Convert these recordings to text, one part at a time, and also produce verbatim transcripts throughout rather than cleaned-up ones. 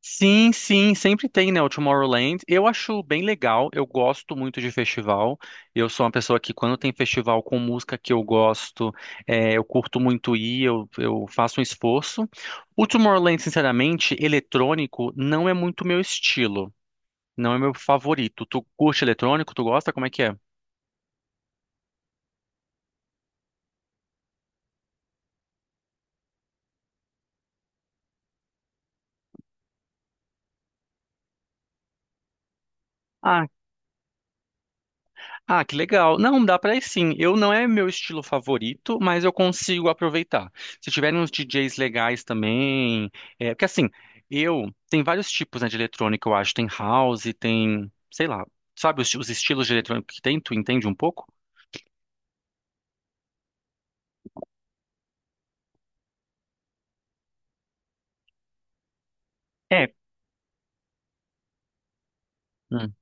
Sim, sim, sempre tem, né, o Tomorrowland. Eu acho bem legal, eu gosto muito de festival. Eu sou uma pessoa que, quando tem festival com música que eu gosto, eh, eu curto muito ir, eu, eu faço um esforço. O Tomorrowland, sinceramente, eletrônico não é muito meu estilo, não é meu favorito. Tu curte eletrônico? Tu gosta? Como é que é? Ah, que legal. Não, dá pra ir sim. Eu não é meu estilo favorito, mas eu consigo aproveitar. Se tiverem uns D Js legais também, é, porque assim, eu tem vários tipos, né, de eletrônica, eu acho. Tem house, tem, sei lá, sabe os, os estilos de eletrônica que tem? Tu entende um pouco? É. Hum.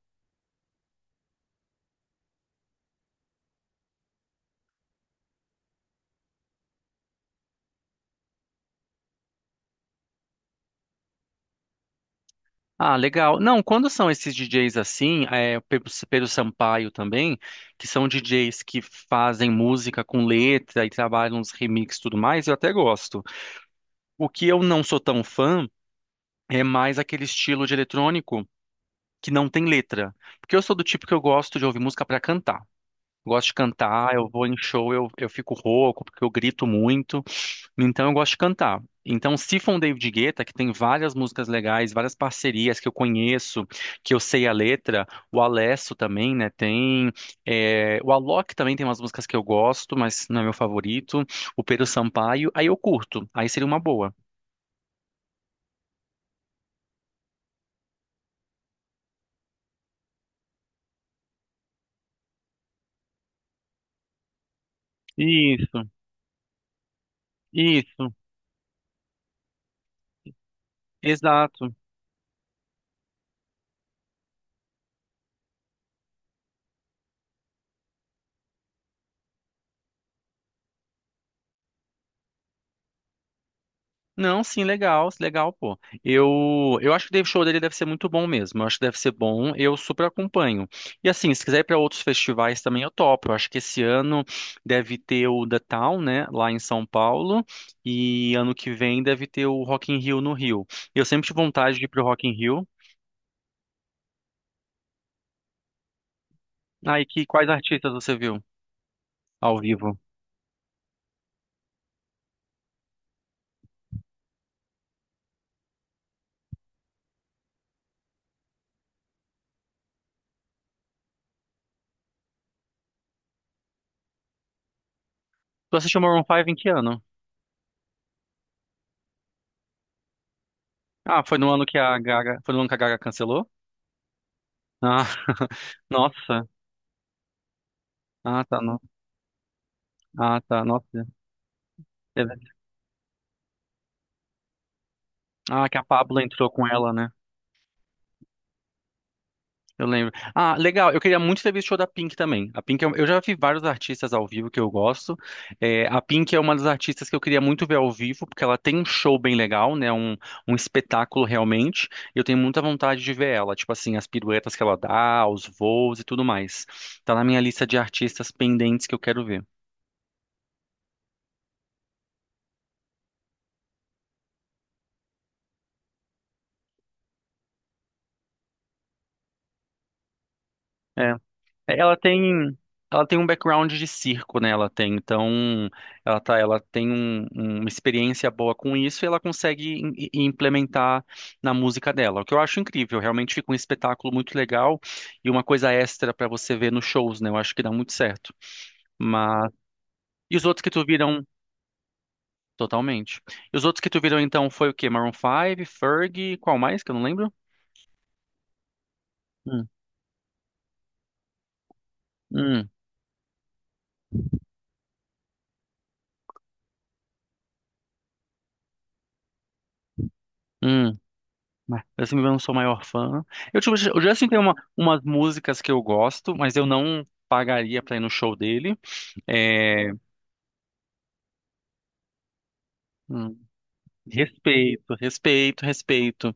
Ah, legal. Não, quando são esses D Js assim, é, o Pedro Pedro Sampaio também, que são D Js que fazem música com letra e trabalham uns remixes e tudo mais, eu até gosto. O que eu não sou tão fã é mais aquele estilo de eletrônico que não tem letra. Porque eu sou do tipo que eu gosto de ouvir música para cantar. Gosto de cantar, eu vou em show, eu, eu fico rouco, porque eu grito muito. Então eu gosto de cantar. Então, se for um David Guetta, que tem várias músicas legais, várias parcerias que eu conheço, que eu sei a letra, o Alesso também, né? Tem. É, o Alok também tem umas músicas que eu gosto, mas não é meu favorito. O Pedro Sampaio, aí eu curto, aí seria uma boa. Isso, isso, exato. Não, sim, legal, legal, pô. Eu, eu acho que o show dele deve ser muito bom mesmo. Eu acho que deve ser bom, eu super acompanho. E assim, se quiser ir para outros festivais também, eu topo. Eu acho que esse ano deve ter o The Town, né, lá em São Paulo, e ano que vem deve ter o Rock in Rio no Rio. Eu sempre tive vontade de ir pro Rock in Rio. Ah, e que quais artistas você viu ao vivo? Tu assistiu Maroon cinco em que ano? Ah, foi no ano que a Gaga, foi no ano que a Gaga cancelou? Ah, nossa. Ah, tá, no... ah, tá, nossa. É. Ah, que a Pabllo entrou com ela, né? Eu lembro. Ah, legal. Eu queria muito ter visto o show da Pink também. A Pink, eu, eu já vi vários artistas ao vivo que eu gosto. É, a Pink é uma das artistas que eu queria muito ver ao vivo, porque ela tem um show bem legal, né? Um, um espetáculo realmente. E eu tenho muita vontade de ver ela. Tipo assim, as piruetas que ela dá, os voos e tudo mais. Tá na minha lista de artistas pendentes que eu quero ver. É. Ela tem, ela tem um background de circo, né? Ela tem, então, ela tá, ela tem um- um, uma experiência boa com isso e ela consegue im- i- implementar na música dela, o que eu acho incrível. Realmente fica um espetáculo muito legal e uma coisa extra pra você ver nos shows, né? Eu acho que dá muito certo. Mas e os outros que tu viram totalmente? E os outros que tu viram então foi o quê? Maroon Five, Fergie, qual mais que eu não lembro? Hum, hum, hum. Mas, assim, eu não sou o maior fã. Eu, tipo, o Justin tem uma, umas músicas que eu gosto, mas eu não pagaria pra ir no show dele. É, hum, respeito, respeito, respeito.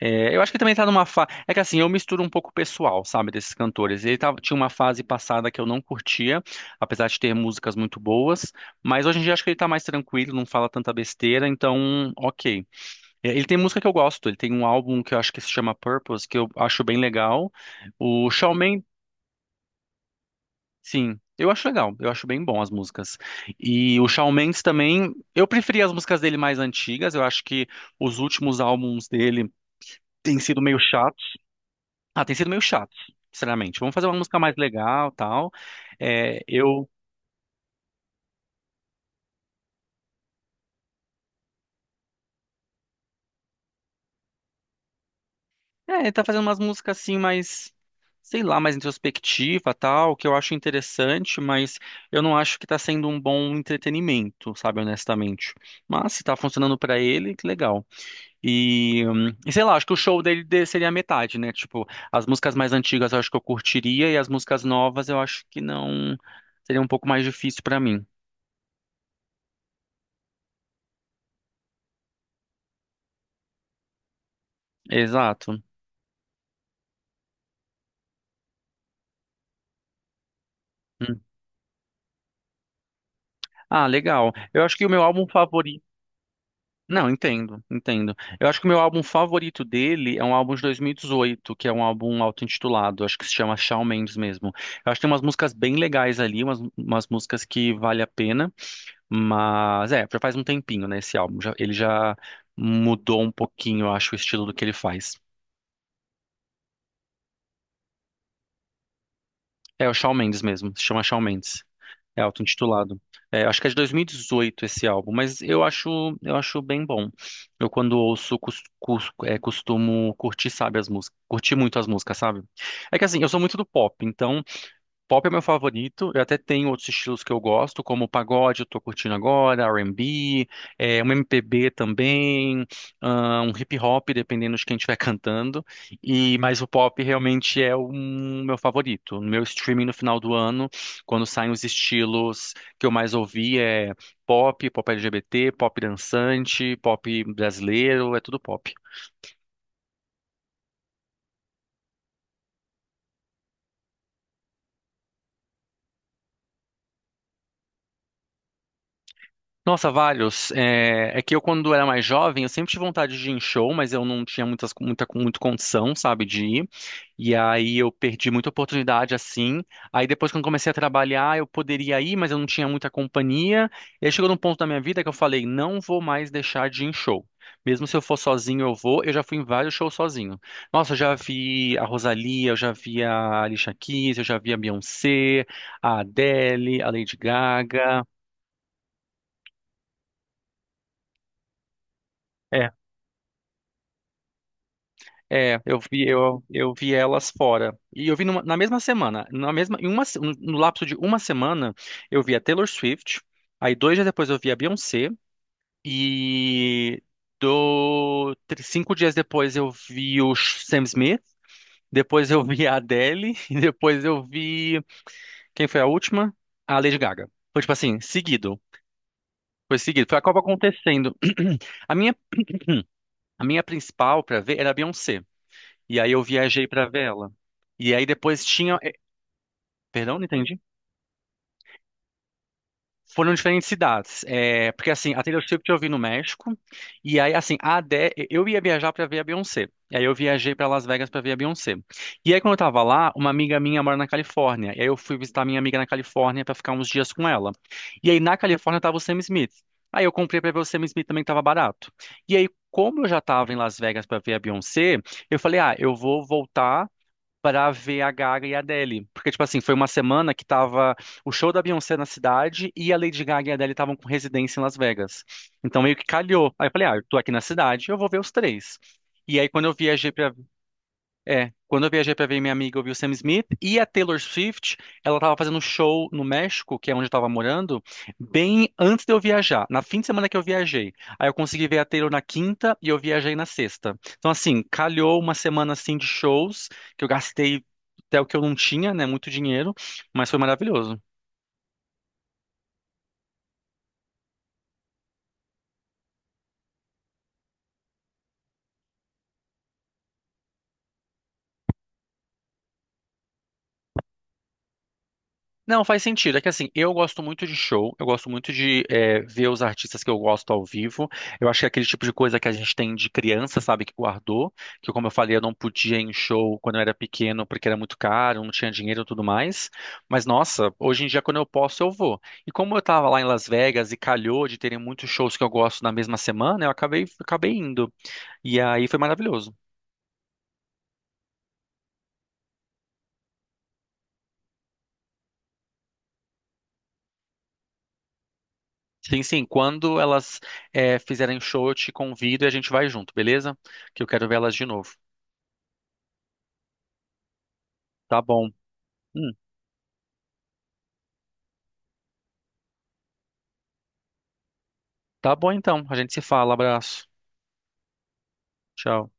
É, eu acho que também tá numa fase. É que assim, eu misturo um pouco o pessoal, sabe, desses cantores. Ele tava, tinha uma fase passada que eu não curtia, apesar de ter músicas muito boas. Mas hoje em dia acho que ele tá mais tranquilo, não fala tanta besteira, então, ok. É, Ele tem música que eu gosto, ele tem um álbum que eu acho que se chama Purpose, que eu acho bem legal. O Shawn Mendes. Sim, eu acho legal, eu acho bem bom as músicas. E o Shawn Mendes também, eu preferia as músicas dele mais antigas, eu acho que os últimos álbuns dele têm sido meio chatos. Ah, têm sido meio chatos, sinceramente. Vamos fazer uma música mais legal, tal. É, eu, é, ele tá fazendo umas músicas assim mais, sei lá, mais introspectiva, tal, que eu acho interessante, mas eu não acho que tá sendo um bom entretenimento, sabe, honestamente. Mas se tá funcionando pra ele, que legal. E, hum, e sei lá, acho que o show dele de- seria a metade, né? Tipo, as músicas mais antigas eu acho que eu curtiria e as músicas novas eu acho que não. Seria um pouco mais difícil pra mim. Exato. Hum. Ah, legal. Eu acho que o meu álbum favorito. Não, entendo, entendo. Eu acho que o meu álbum favorito dele é um álbum de dois mil e dezoito, que é um álbum auto-intitulado, acho que se chama Shawn Mendes mesmo. Eu acho que tem umas músicas bem legais ali, umas, umas músicas que vale a pena. Mas é, já faz um tempinho, né, esse álbum. Já- ele já mudou um pouquinho, eu acho, o estilo do que ele faz. É o Shawn Mendes mesmo, se chama Shawn Mendes. É auto-intitulado. É, acho que é de dois mil e dezoito esse álbum, mas eu acho, eu acho bem bom. Eu quando ouço, cus- cus- é, costumo curtir, sabe, as músicas, curtir muito as músicas, sabe? É que assim, eu sou muito do pop, então pop é meu favorito. Eu até tenho outros estilos que eu gosto, como o pagode, eu tô curtindo agora, R B, é, um M P B também, ah, um hip hop, dependendo de quem estiver cantando. E mas o pop realmente é o meu favorito. No meu streaming no final do ano, quando saem os estilos que eu mais ouvi é pop, pop L G B T, pop dançante, pop brasileiro, é tudo pop. Nossa, vários. É, é que eu, quando era mais jovem, eu sempre tive vontade de ir em show, mas eu não tinha muitas, muita, muito condição, sabe, de ir. E aí eu perdi muita oportunidade assim. Aí depois, quando comecei a trabalhar, eu poderia ir, mas eu não tinha muita companhia. E aí chegou num ponto da minha vida que eu falei: não vou mais deixar de ir em show. Mesmo se eu for sozinho, eu vou. Eu já fui em vários shows sozinho. Nossa, eu já vi a Rosalía, eu já vi a Alicia Keys, eu já vi a Beyoncé, a Adele, a Lady Gaga. É. É, eu vi, eu, eu vi elas fora. E eu vi numa- na mesma semana, na mesma, em uma, se- no lapso de uma semana, eu vi a Taylor Swift, aí dois dias depois eu vi a Beyoncé, e do, tr- cinco dias depois eu vi o Sh- Sam Smith, depois eu vi a Adele, e depois eu vi, quem foi a última? A Lady Gaga. Foi tipo assim, seguido. Foi seguido. Foi a Copa acontecendo. A minha, a minha principal pra ver era a Beyoncé. E aí eu viajei pra ver ela. E aí depois tinha. eh, Perdão, não entendi. Foram diferentes cidades. É, porque assim, a Taylor Swift eu vi no México. E aí, assim, a Adé, eu ia viajar pra ver a Beyoncé. E aí eu viajei pra Las Vegas pra ver a Beyoncé. E aí, quando eu tava lá, uma amiga minha mora na Califórnia. E aí eu fui visitar minha amiga na Califórnia pra ficar uns dias com ela. E aí na Califórnia tava o Sam Smith. Aí eu comprei pra ver o Sam Smith também que tava barato. E aí, como eu já tava em Las Vegas pra ver a Beyoncé, eu falei, ah, eu vou voltar pra ver a Gaga e a Adele. Porque, tipo assim, foi uma semana que tava o show da Beyoncé na cidade e a Lady Gaga e a Adele estavam com residência em Las Vegas. Então meio que calhou. Aí eu falei, ah, eu tô aqui na cidade, eu vou ver os três. E aí quando eu viajei pra é, quando eu viajei pra ver minha amiga, eu vi o Sam Smith e a Taylor Swift, ela tava fazendo um show no México, que é onde eu tava morando, bem antes de eu viajar, na fim de semana que eu viajei. Aí eu consegui ver a Taylor na quinta e eu viajei na sexta. Então assim, calhou uma semana assim de shows, que eu gastei até o que eu não tinha, né, muito dinheiro, mas foi maravilhoso. Não, faz sentido. É que assim, eu gosto muito de show, eu gosto muito de é, ver os artistas que eu gosto ao vivo. Eu acho que é aquele tipo de coisa que a gente tem de criança, sabe, que guardou, que como eu falei, eu não podia ir em show quando eu era pequeno porque era muito caro, não tinha dinheiro e tudo mais. Mas nossa, hoje em dia quando eu posso, eu vou. E como eu tava lá em Las Vegas e calhou de terem muitos shows que eu gosto na mesma semana, eu acabei, acabei indo. E aí foi maravilhoso. Sim, sim, quando elas é, fizerem show, eu te convido e a gente vai junto, beleza? Que eu quero ver elas de novo. Tá bom. Hum, tá bom então. A gente se fala. Abraço. Tchau.